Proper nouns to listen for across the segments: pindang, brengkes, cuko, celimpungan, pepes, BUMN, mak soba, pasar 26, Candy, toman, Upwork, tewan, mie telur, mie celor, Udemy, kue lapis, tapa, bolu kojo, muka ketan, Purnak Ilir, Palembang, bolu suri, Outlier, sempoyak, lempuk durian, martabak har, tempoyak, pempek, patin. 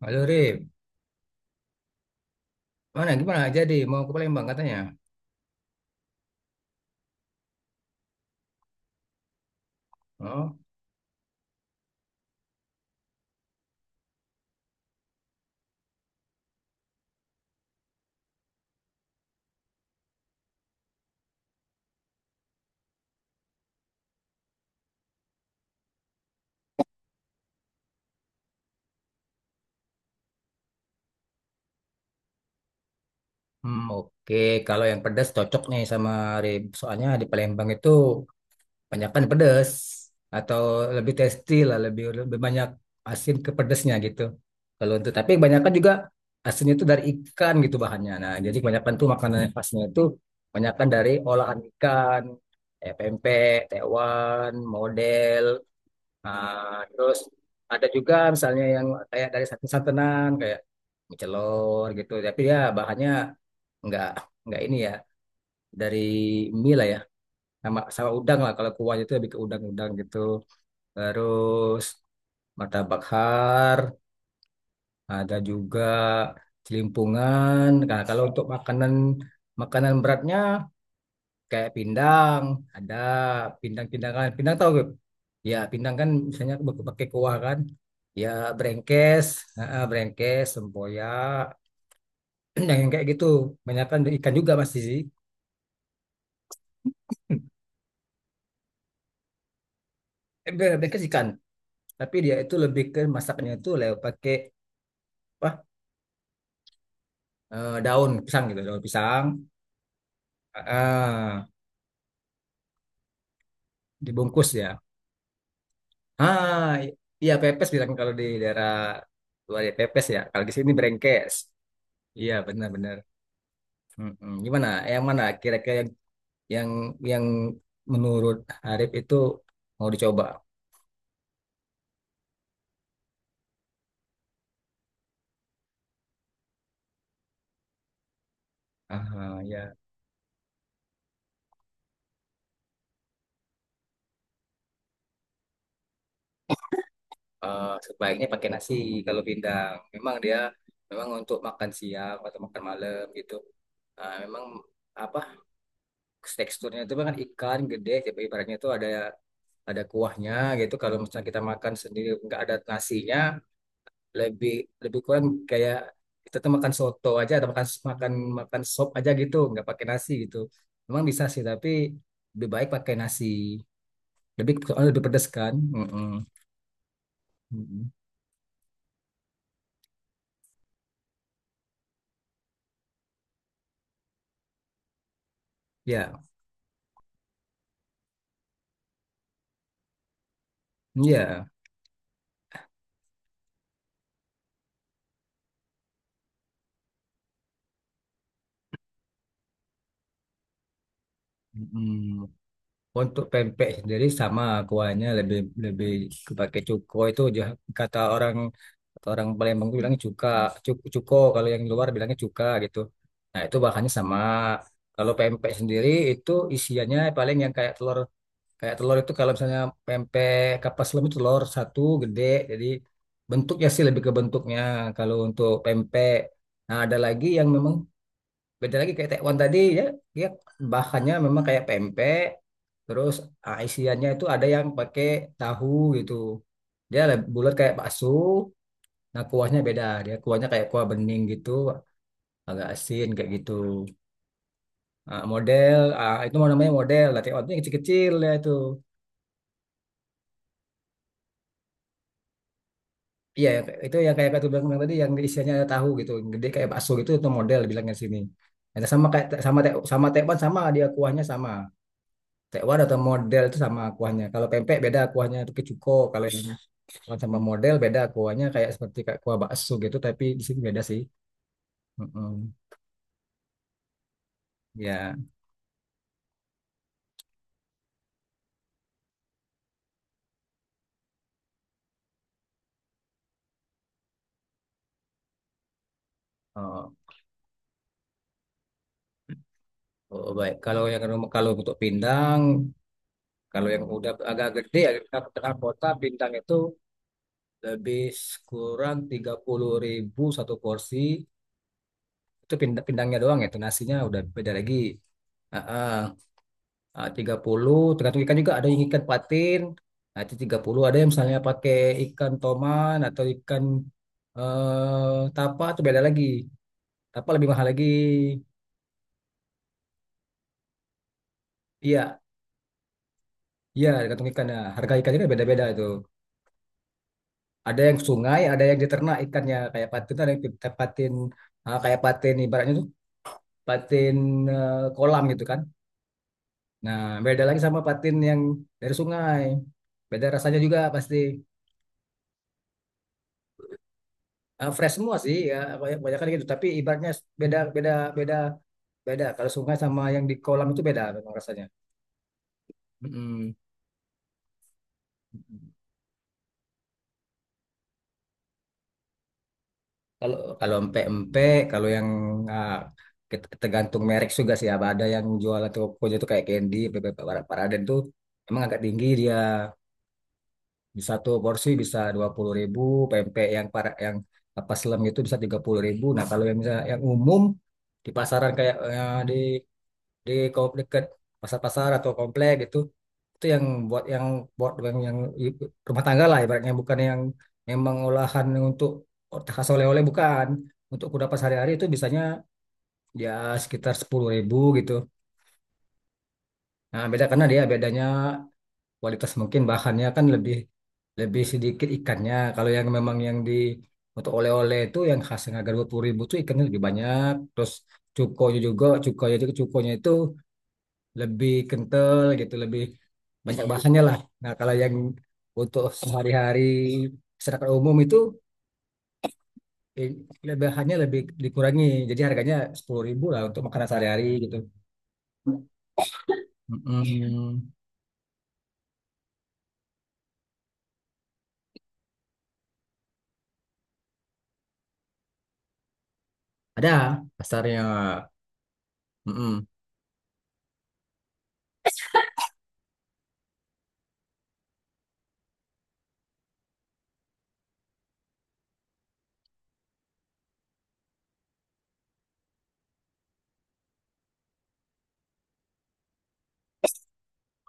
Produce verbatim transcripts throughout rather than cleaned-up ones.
Halo Rip, mana gimana jadi mau ke Palembang katanya? Oh, hmm, oke. Kalau yang pedas cocok nih sama Rip. Soalnya di Palembang itu banyakkan pedas atau lebih tasty lah, lebih lebih banyak asin ke pedasnya gitu. Kalau untuk tapi kebanyakan juga asinnya itu dari ikan gitu bahannya. Nah, jadi kebanyakan tuh makanan yang khasnya itu kebanyakan dari olahan ikan, kayak pempek, tewan, model. Nah, terus ada juga misalnya yang kayak dari santan-santanan kayak mie celor gitu. Tapi ya bahannya nggak nggak ini ya dari mie lah ya sama sama udang lah kalau kuahnya itu lebih ke udang-udang gitu. Terus martabak har, ada juga celimpungan. Nah, kalau untuk makanan makanan beratnya kayak pindang, ada pindang pindangan, pindang tau gak? Ya pindang kan misalnya pakai kuah kan, ya brengkes. Heeh, brengkes sempoyak yang yang kayak gitu, banyak kan ikan juga masih sih. eh, bre- Brengkes ikan tapi dia itu lebih ke masaknya itu lewat pakai apa, eh, daun pisang gitu, daun pisang. Heeh, dibungkus ya. ah i- iya, pepes bilang kalau di daerah luar, ya pepes, ya kalau di sini brengkes. Iya, benar-benar. Mm-mm. Gimana? Yang mana kira-kira yang yang yang menurut Arif itu mau dicoba? Ah ya, Eh, sebaiknya pakai nasi kalau pindang. Memang dia memang untuk makan siang atau makan malam gitu. Ah, memang apa, teksturnya itu kan ikan gede, tapi ibaratnya itu ada ada kuahnya gitu. Kalau misalnya kita makan sendiri nggak ada nasinya, lebih lebih kurang kayak kita tuh makan soto aja atau makan makan makan sop aja gitu nggak pakai nasi gitu, memang bisa sih tapi lebih baik pakai nasi, lebih soalnya lebih pedas kan. Mm-mm. Mm-mm. ya ya. Mm-mm. Untuk pempek sendiri sama kuahnya, lebih lebih pakai cuko itu, jah- kata orang, kata orang Palembang tuh bilangnya cuka, cuko, cuko kalau yang luar bilangnya cuka gitu. Nah, itu bahannya sama. Kalau pempek sendiri itu isiannya paling yang kayak telur. Kayak telur itu, kalau misalnya pempek kapas lem itu telur satu gede, jadi bentuknya sih, lebih ke bentuknya kalau untuk pempek. Nah, ada lagi yang memang beda lagi kayak tekwan tadi ya, dia bahannya memang kayak pempek, terus ah, isiannya itu ada yang pakai tahu gitu. Dia lebih bulat kayak bakso, nah kuahnya beda, dia kuahnya kayak kuah bening gitu, agak asin kayak gitu. Ah, model, ah, itu mau namanya model, lah tekwan itu yang kecil-kecil ya itu. Iya ya, kayak itu yang kayak kata bilang, bilang tadi yang isiannya ada tahu gitu, yang gede kayak bakso gitu, itu model bilangnya di sini. Ada sama kayak te- sama te, sama tekwan, sama dia kuahnya sama. Tekwan atau model itu sama kuahnya. Kalau pempek beda kuahnya, itu kecuko. Kalau yang tekwan sama model beda kuahnya, kayak seperti kayak kuah bakso gitu tapi di sini beda sih. Mm-mm. Ya. Oh, oh baik. Kalau yang kalau untuk pindang, kalau yang udah agak gede ya, kita ke tengah kota, pindang itu lebih kurang tiga puluh ribu satu porsi. Itu pindang pindangnya doang ya, itu nasinya udah beda lagi. Heeh. Ah, tiga puluh, tergantung ikan juga, ada yang ikan patin, nah itu tiga puluh, ada yang misalnya pakai ikan toman atau ikan eh tapa, itu beda lagi. Tapa lebih mahal lagi. Iya, iya, tergantung ikannya. Harga ikannya kan beda-beda itu. Ada yang sungai, ada yang diternak ikannya kayak patin, ada yang patin, eh, kayak patin ibaratnya tuh patin, eh, kolam gitu kan. Nah, beda lagi sama patin yang dari sungai. Beda rasanya juga pasti. Eh, fresh semua sih ya, kebanyakan gitu. Tapi ibaratnya beda beda beda beda. Kalau sungai sama yang di kolam itu beda memang rasanya. Mm-mm. Kalau kalau empek-empek, kalau yang ah, ket- tergantung merek juga sih. Ada yang jual tokonya itu kayak Candy, Pak- Pak- tuh emang agak tinggi dia. Bisa tuh porsi bisa dua puluh ribu, pempek yang para yang apa selem itu bisa tiga puluh ribu. Nah, kalau yang misalnya yang umum di pasaran kayak eh, di di ko- dekat pasar-pasar atau komplek gitu, itu yang buat yang buat yang, yang i- rumah tangga lah, ibaratnya bukan yang memang olahan untuk khas oleh-oleh, bukan untuk kudapan sehari-hari, itu bisanya ya sekitar sepuluh ribu gitu. Nah, beda karena dia bedanya kualitas, mungkin bahannya kan lebih lebih sedikit ikannya. Kalau yang memang yang di untuk oleh-oleh itu, yang khas, yang harga dua puluh ribu itu ikannya lebih banyak. Terus cukonya juga, cukonya juga cukonya itu lebih kental gitu, lebih banyak bahannya lah. Nah, kalau yang untuk sehari-hari masyarakat umum itu, eh, le- bahannya lebih dikurangi. Jadi harganya sepuluh ribu lah untuk makanan sehari-hari gitu. Mm-mm. Ada pasarnya. Mm-mm.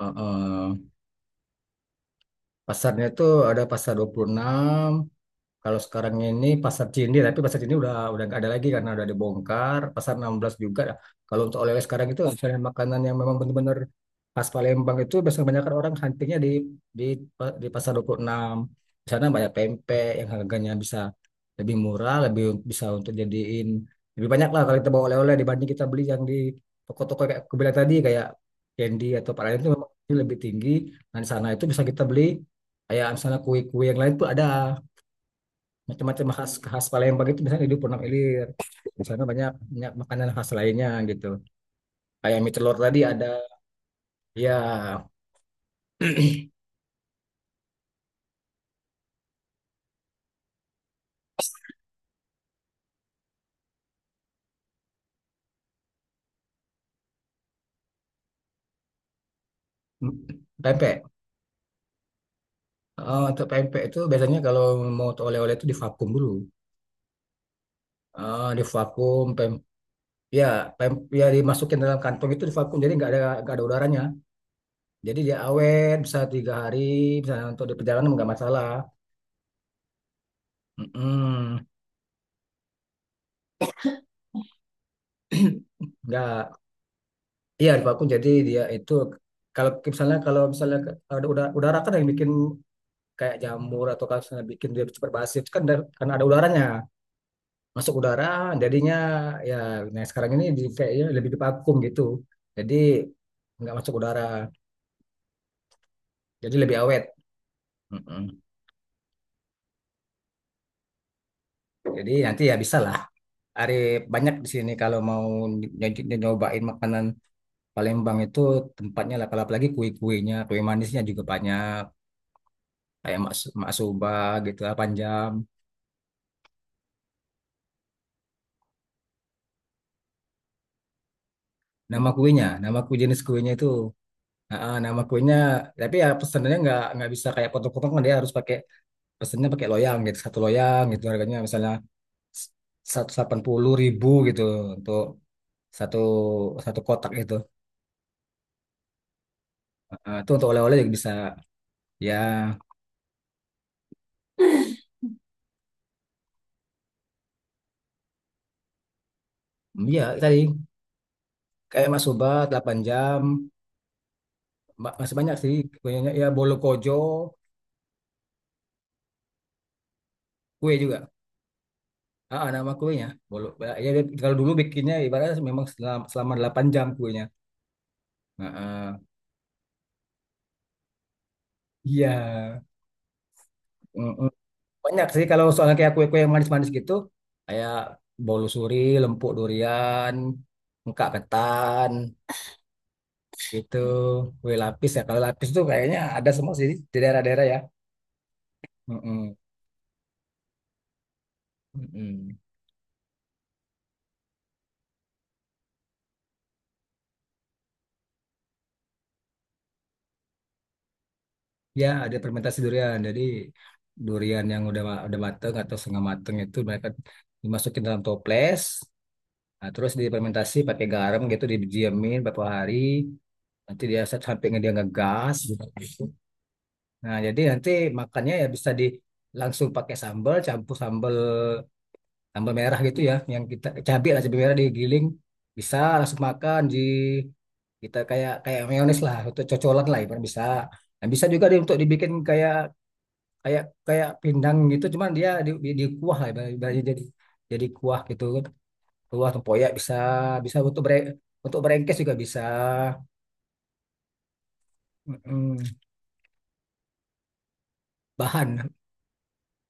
Uh-uh. Pasarnya itu ada pasar dua puluh enam, kalau sekarang ini pasar Cindi, tapi pasar Cindi udah udah nggak ada lagi karena udah dibongkar. Pasar enam belas juga. Kalau untuk oleh-oleh sekarang itu, misalnya makanan yang memang benar-benar khas Palembang itu biasanya kebanyakan orang huntingnya di di pa- di pasar dua puluh enam. Di sana banyak pempek yang harganya bisa lebih murah, lebih bisa untuk jadiin lebih banyak lah kalau kita bawa oleh-oleh dibanding kita beli yang di toko-toko kayak aku bilang tadi, kayak Candy atau apa lain, itu memang lebih tinggi. Dan di sana itu bisa kita beli kayak misalnya kue-kue yang lain tuh ada macam-macam khas, khas Palembang itu misalnya di Purnak Ilir, di sana banyak, banyak makanan khas lainnya gitu, kayak mie telur tadi ada. Ya. Pempek, Eh, untuk pempek itu biasanya kalau mau oleh-oleh itu divakum dulu. Eh, divakum pem, ya pem, ya dimasukin dalam kantong, itu divakum, jadi nggak ada nggak ada udaranya, jadi dia awet bisa tiga hari, bisa untuk di perjalanan nggak masalah. Mm-mm. Nggak. Iya, vakum. Jadi dia itu, kalau misalnya kalau misalnya ke- ada udara, udara kan yang bikin kayak jamur atau kalau misalnya bikin dia cepat basi itu kan dari, karena ada udaranya, masuk udara jadinya, ya. Nah sekarang ini di kayaknya lebih divakum gitu. Jadi nggak masuk udara. Jadi lebih awet. Mm-mm. Jadi nanti ya bisa lah. Hari banyak di sini kalau mau ny- ny- nyobain makanan Palembang, itu tempatnya lah. Kalau apalagi kue-kuenya, kue manisnya juga banyak. Kayak mak, mak soba gitu lah, panjang. Nama kuenya, nama kue jenis kuenya itu. Ah, ah, nama kuenya, tapi ya pesenannya nggak nggak bisa kayak potong-potong, kan dia harus pakai, pesennya pakai loyang gitu, satu loyang gitu harganya misalnya satu, delapan puluh ribu gitu untuk satu satu kotak itu. Ah, ah, itu untuk oleh-oleh juga bisa. Ya, mm, ya tadi kayak Mas Soba delapan jam, Ma- masih banyak sih kuenya. Ya bolu kojo, kue juga. Ah, ah, nama kuenya bolu. Ya, dia, kalau dulu bikinnya ibaratnya memang selama, selama delapan jam kuenya. Heeh. Iya. Mm-mm. Banyak sih kalau soalnya kayak kue-kue yang manis-manis gitu, kayak bolu suri, lempuk durian, muka ketan, gitu, kue lapis ya. Kalau lapis tuh kayaknya ada semua sih di daerah-daerah ya. Mm-mm. Mm-mm. Ya, ada fermentasi durian. Jadi durian yang udah udah mateng atau setengah mateng itu mereka dimasukin dalam toples, nah, terus difermentasi pakai garam gitu, didiemin beberapa hari. Nanti dia sampai dia ngegas, gitu. Nah, jadi nanti makannya ya bisa di langsung pakai sambal, campur sambal, sambal merah gitu ya, yang kita cabai lah, cabai merah digiling, bisa langsung makan di, kita kayak kayak mayones lah untuk cocolan lah ibarat bisa. Nah, bisa juga di, untuk dibikin kayak kayak kayak pindang gitu, cuman dia di, di, di kuah lah, ibarat, ibaratnya jadi jadi kuah gitu kan. Kuah tempoyak bisa, bisa untuk bere, untuk berengkes juga bisa. Mm-mm. Bahan.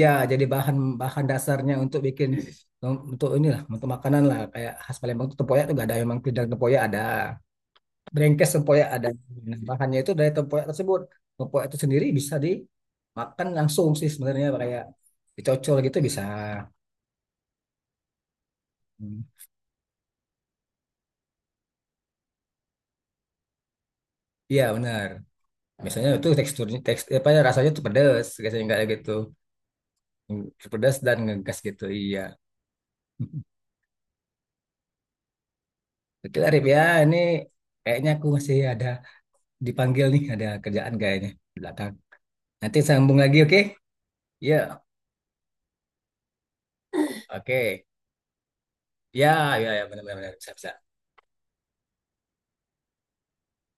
Ya, jadi bahan, bahan dasarnya untuk bikin, untuk inilah, untuk makanan lah kayak khas Palembang itu tempoyak itu gak ada, memang tidak, tempoyak ada, brengkes tempoyak ada. Nah, bahannya itu dari tempoyak tersebut. Tempoyak itu sendiri bisa dimakan langsung sih sebenarnya, kayak dicocol gitu bisa. Hmm. Iya, benar. Biasanya itu teksturnya teks, apa ya, rasanya tuh pedas biasanya, nggak gitu pedas dan ngegas gitu, iya. Oke lah ya, ini kayaknya aku masih ada, dipanggil nih, ada kerjaan kayaknya di belakang. Nanti sambung lagi, oke? Ya, oke. Ya, ya, ya, benar-benar bisa, bisa.